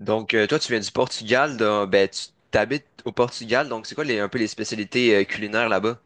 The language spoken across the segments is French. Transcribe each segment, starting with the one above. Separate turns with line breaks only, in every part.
Toi, tu viens du Portugal, donc, tu t'habites au Portugal, donc c'est quoi un peu les spécialités culinaires là-bas?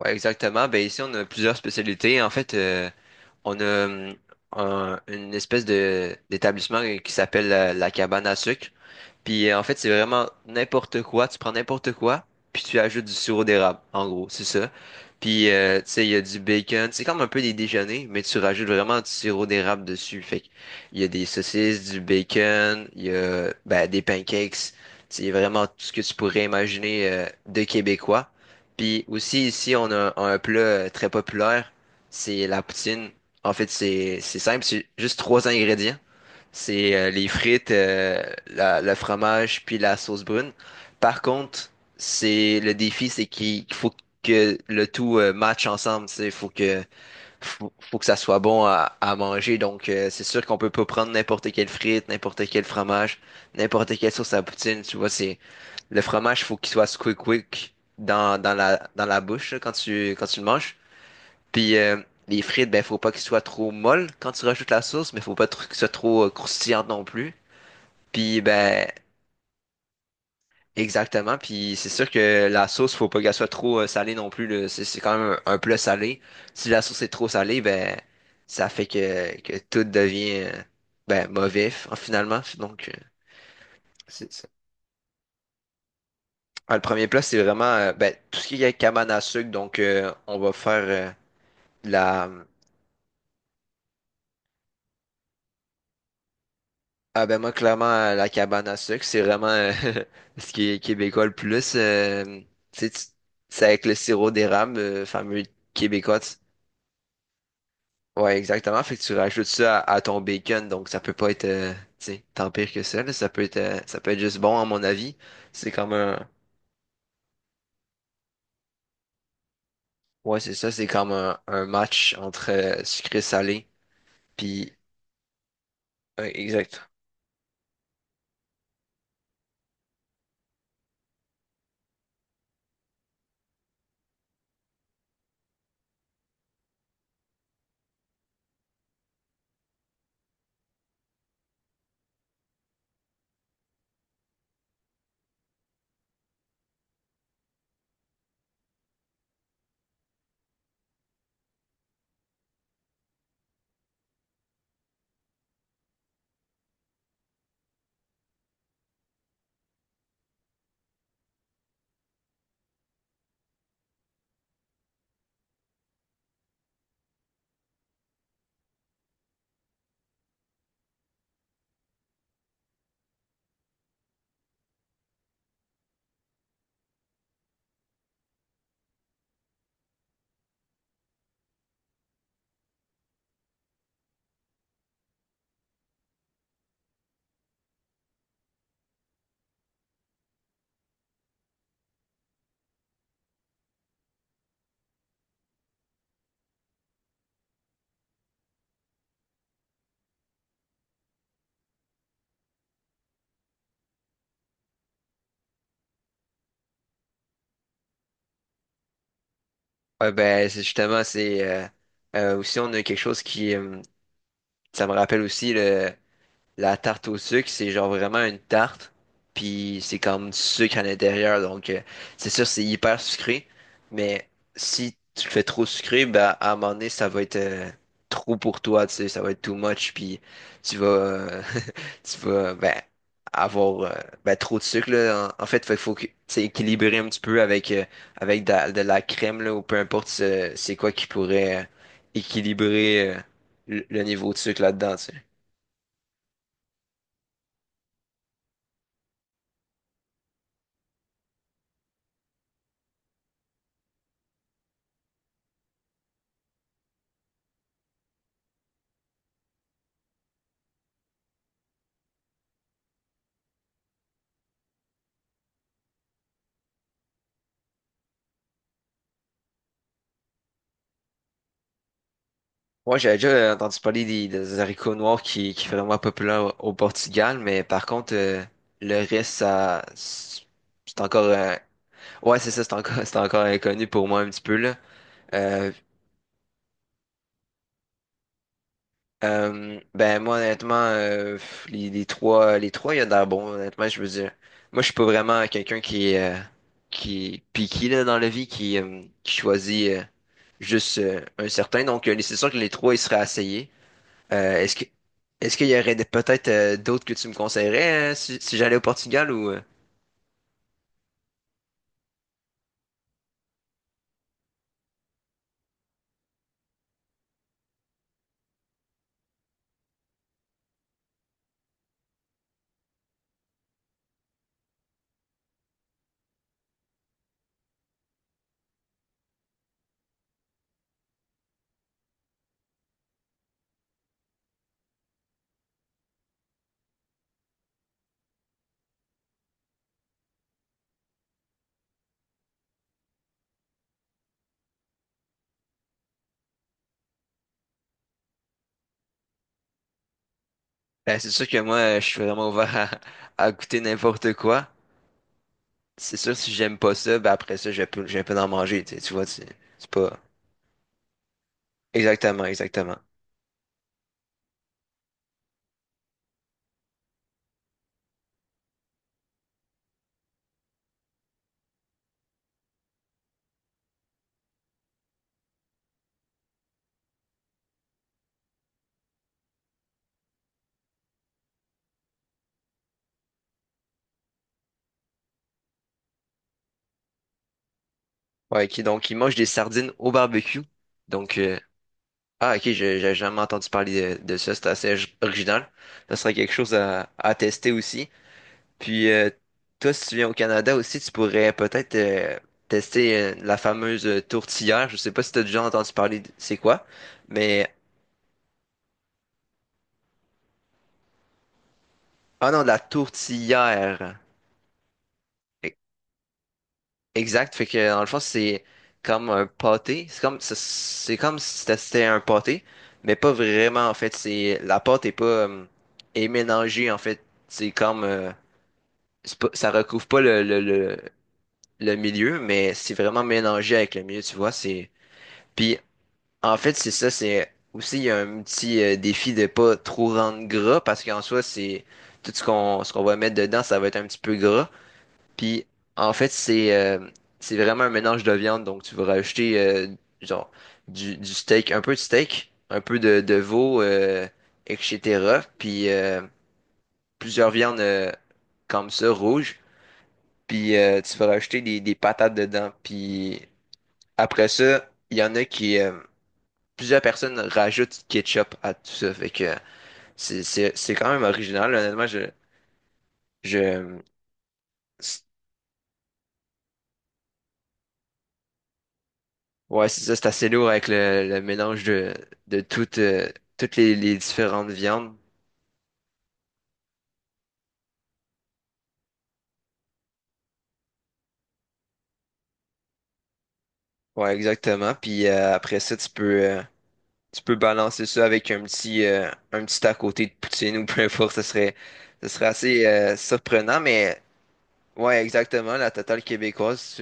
Ouais, exactement. Ben, ici, on a plusieurs spécialités. On a une espèce de d'établissement qui s'appelle la cabane à sucre. Puis en fait, c'est vraiment n'importe quoi. Tu prends n'importe quoi, puis tu ajoutes du sirop d'érable, en gros, c'est ça. Puis tu sais, il y a du bacon. C'est comme un peu des déjeuners, mais tu rajoutes vraiment du sirop d'érable dessus. Fait que il y a des saucisses, du bacon, il y a ben, des pancakes. C'est vraiment tout ce que tu pourrais imaginer de québécois. Puis aussi ici, on a un plat très populaire, c'est la poutine. En fait, c'est simple, c'est juste trois ingrédients. C'est les frites, le fromage, puis la sauce brune. Par contre, c'est le défi, c'est qu'il faut que le tout matche ensemble. Il faut que faut que ça soit bon à manger. C'est sûr qu'on peut pas prendre n'importe quelle frite, n'importe quel fromage, n'importe quelle sauce à poutine. Tu vois, c'est le fromage, faut qu'il soit squick quick dans la bouche là, quand tu le manges. Puis les frites, ben faut pas qu'ils soient trop molles quand tu rajoutes la sauce, mais faut pas trop- qu'ils soient trop croustillantes non plus. Puis ben exactement. Puis c'est sûr que la sauce, faut pas qu'elle soit trop salée non plus. Là. C'est quand même un plat salé. Si la sauce est trop salée, ben ça fait que tout devient ben mauvais finalement. C'est ça. Ah, le premier plat, c'est vraiment ben, tout ce qui est cabane à sucre. On va faire de la Ah ben moi clairement la cabane à sucre c'est vraiment ce qui est québécois le plus tu sais, tu- c'est avec le sirop d'érable fameux québécois ouais exactement fait que tu rajoutes ça à ton bacon donc ça peut pas être tu sais, tant pire que ça là. Ça peut être ça peut être juste bon à mon avis c'est comme un ouais c'est ça c'est comme un match entre sucré et salé puis ouais, exact ouais ben c'est justement c'est aussi on a quelque chose qui ça me rappelle aussi le La tarte au sucre, c'est genre vraiment une tarte, puis c'est comme du sucre à l'intérieur, c'est sûr, c'est hyper sucré, mais si tu le fais trop sucré, bah, à un moment donné, ça va être trop pour toi, tu sais, ça va être too much, puis tu vas, euh, tu vas, ben, avoir ben, trop de sucre, là. En fait, il faut que c'est équilibré un petit peu avec, avec de la crème, là, ou peu importe c'est quoi qui pourrait équilibrer le niveau de sucre là-dedans, tu sais. Moi j'avais déjà entendu parler des haricots noirs qui sont vraiment populaires au Portugal, mais par contre, le reste, ça, c'est encore, ouais, c'est ça, c'est encore, c'est encore inconnu pour moi un petit peu, là. Euh, ben, moi, honnêtement, pff, les trois, il y a de l'air bon, honnêtement, je veux dire. Moi, je suis pas vraiment quelqu'un qui est piqué, là, dans la vie, qui choisit, juste, un certain. C'est sûr que les trois, ils seraient essayés. Euh, est-ce que est-ce qu'il y aurait peut-être d'autres que tu me conseillerais si j'allais au Portugal ou ben, c'est sûr que moi je suis vraiment ouvert à goûter n'importe quoi. C'est sûr si j'aime pas ça, ben après ça je peux en manger, tu sais, tu vois, c'est pas exactement exactement. Ouais, ok, donc il mange des sardines au barbecue. Donc euh, ah ok, j'ai jamais entendu parler de ça, c'est assez original. Ça serait quelque chose à tester aussi. Puis, euh, toi, si tu viens au Canada aussi, tu pourrais peut-être tester la fameuse tourtière. Je sais pas si tu as déjà entendu parler de c'est quoi, mais ah non, de la tourtière. E- Exact. Fait que dans le fond, c'est comme un pâté. C'est comme c'est comme si tu testais un pâté, mais pas vraiment en fait. C'est la pâte est pas est mélangée en fait. C'est pas- ça recouvre pas le milieu, mais c'est vraiment mélangé avec le milieu. Tu vois, c'est Puis en fait, c'est ça, c'est aussi il y a un petit défi de pas trop rendre gras parce qu'en soi, c'est tout ce qu'on va mettre dedans, ça va être un petit peu gras. Puis en fait, c'est vraiment un mélange de viande, donc tu vas rajouter genre du steak, un peu de steak, un peu de veau, etc. Puis plusieurs viandes comme ça, rouges. Puis tu vas rajouter des patates dedans. Puis après ça, il y en a qui plusieurs personnes rajoutent du ketchup à tout ça. Fait que c'est, c'est quand même original. Honnêtement, je, c'est- ouais, c'est ça, c'est assez lourd avec le mélange de toutes, toutes les différentes viandes. Ouais, exactement. Puis après ça, tu peux balancer ça avec un petit à côté de poutine ou peu importe. Ça serait assez surprenant, mais ouais, exactement, la totale québécoise.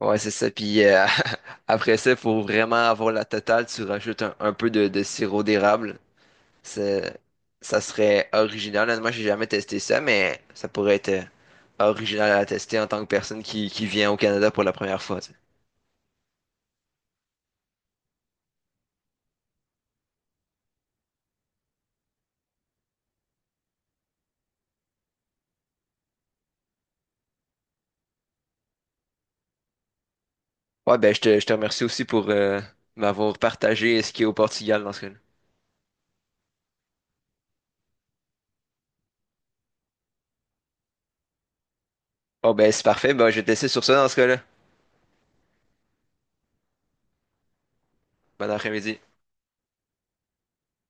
Ouais, c'est ça. Puis après ça, il faut vraiment avoir la totale. Tu rajoutes un peu de sirop d'érable. C'est- Ça serait original. Honnêtement, j'ai jamais testé ça, mais ça pourrait être original à tester en tant que personne qui vient au Canada pour la première fois. Tu sais. Ouais, ben je te remercie aussi pour m'avoir partagé ce qui est au Portugal dans ce cas-là. Oh ben c'est parfait. Ben, je vais te laisser sur ça dans ce cas-là. Bon après-midi.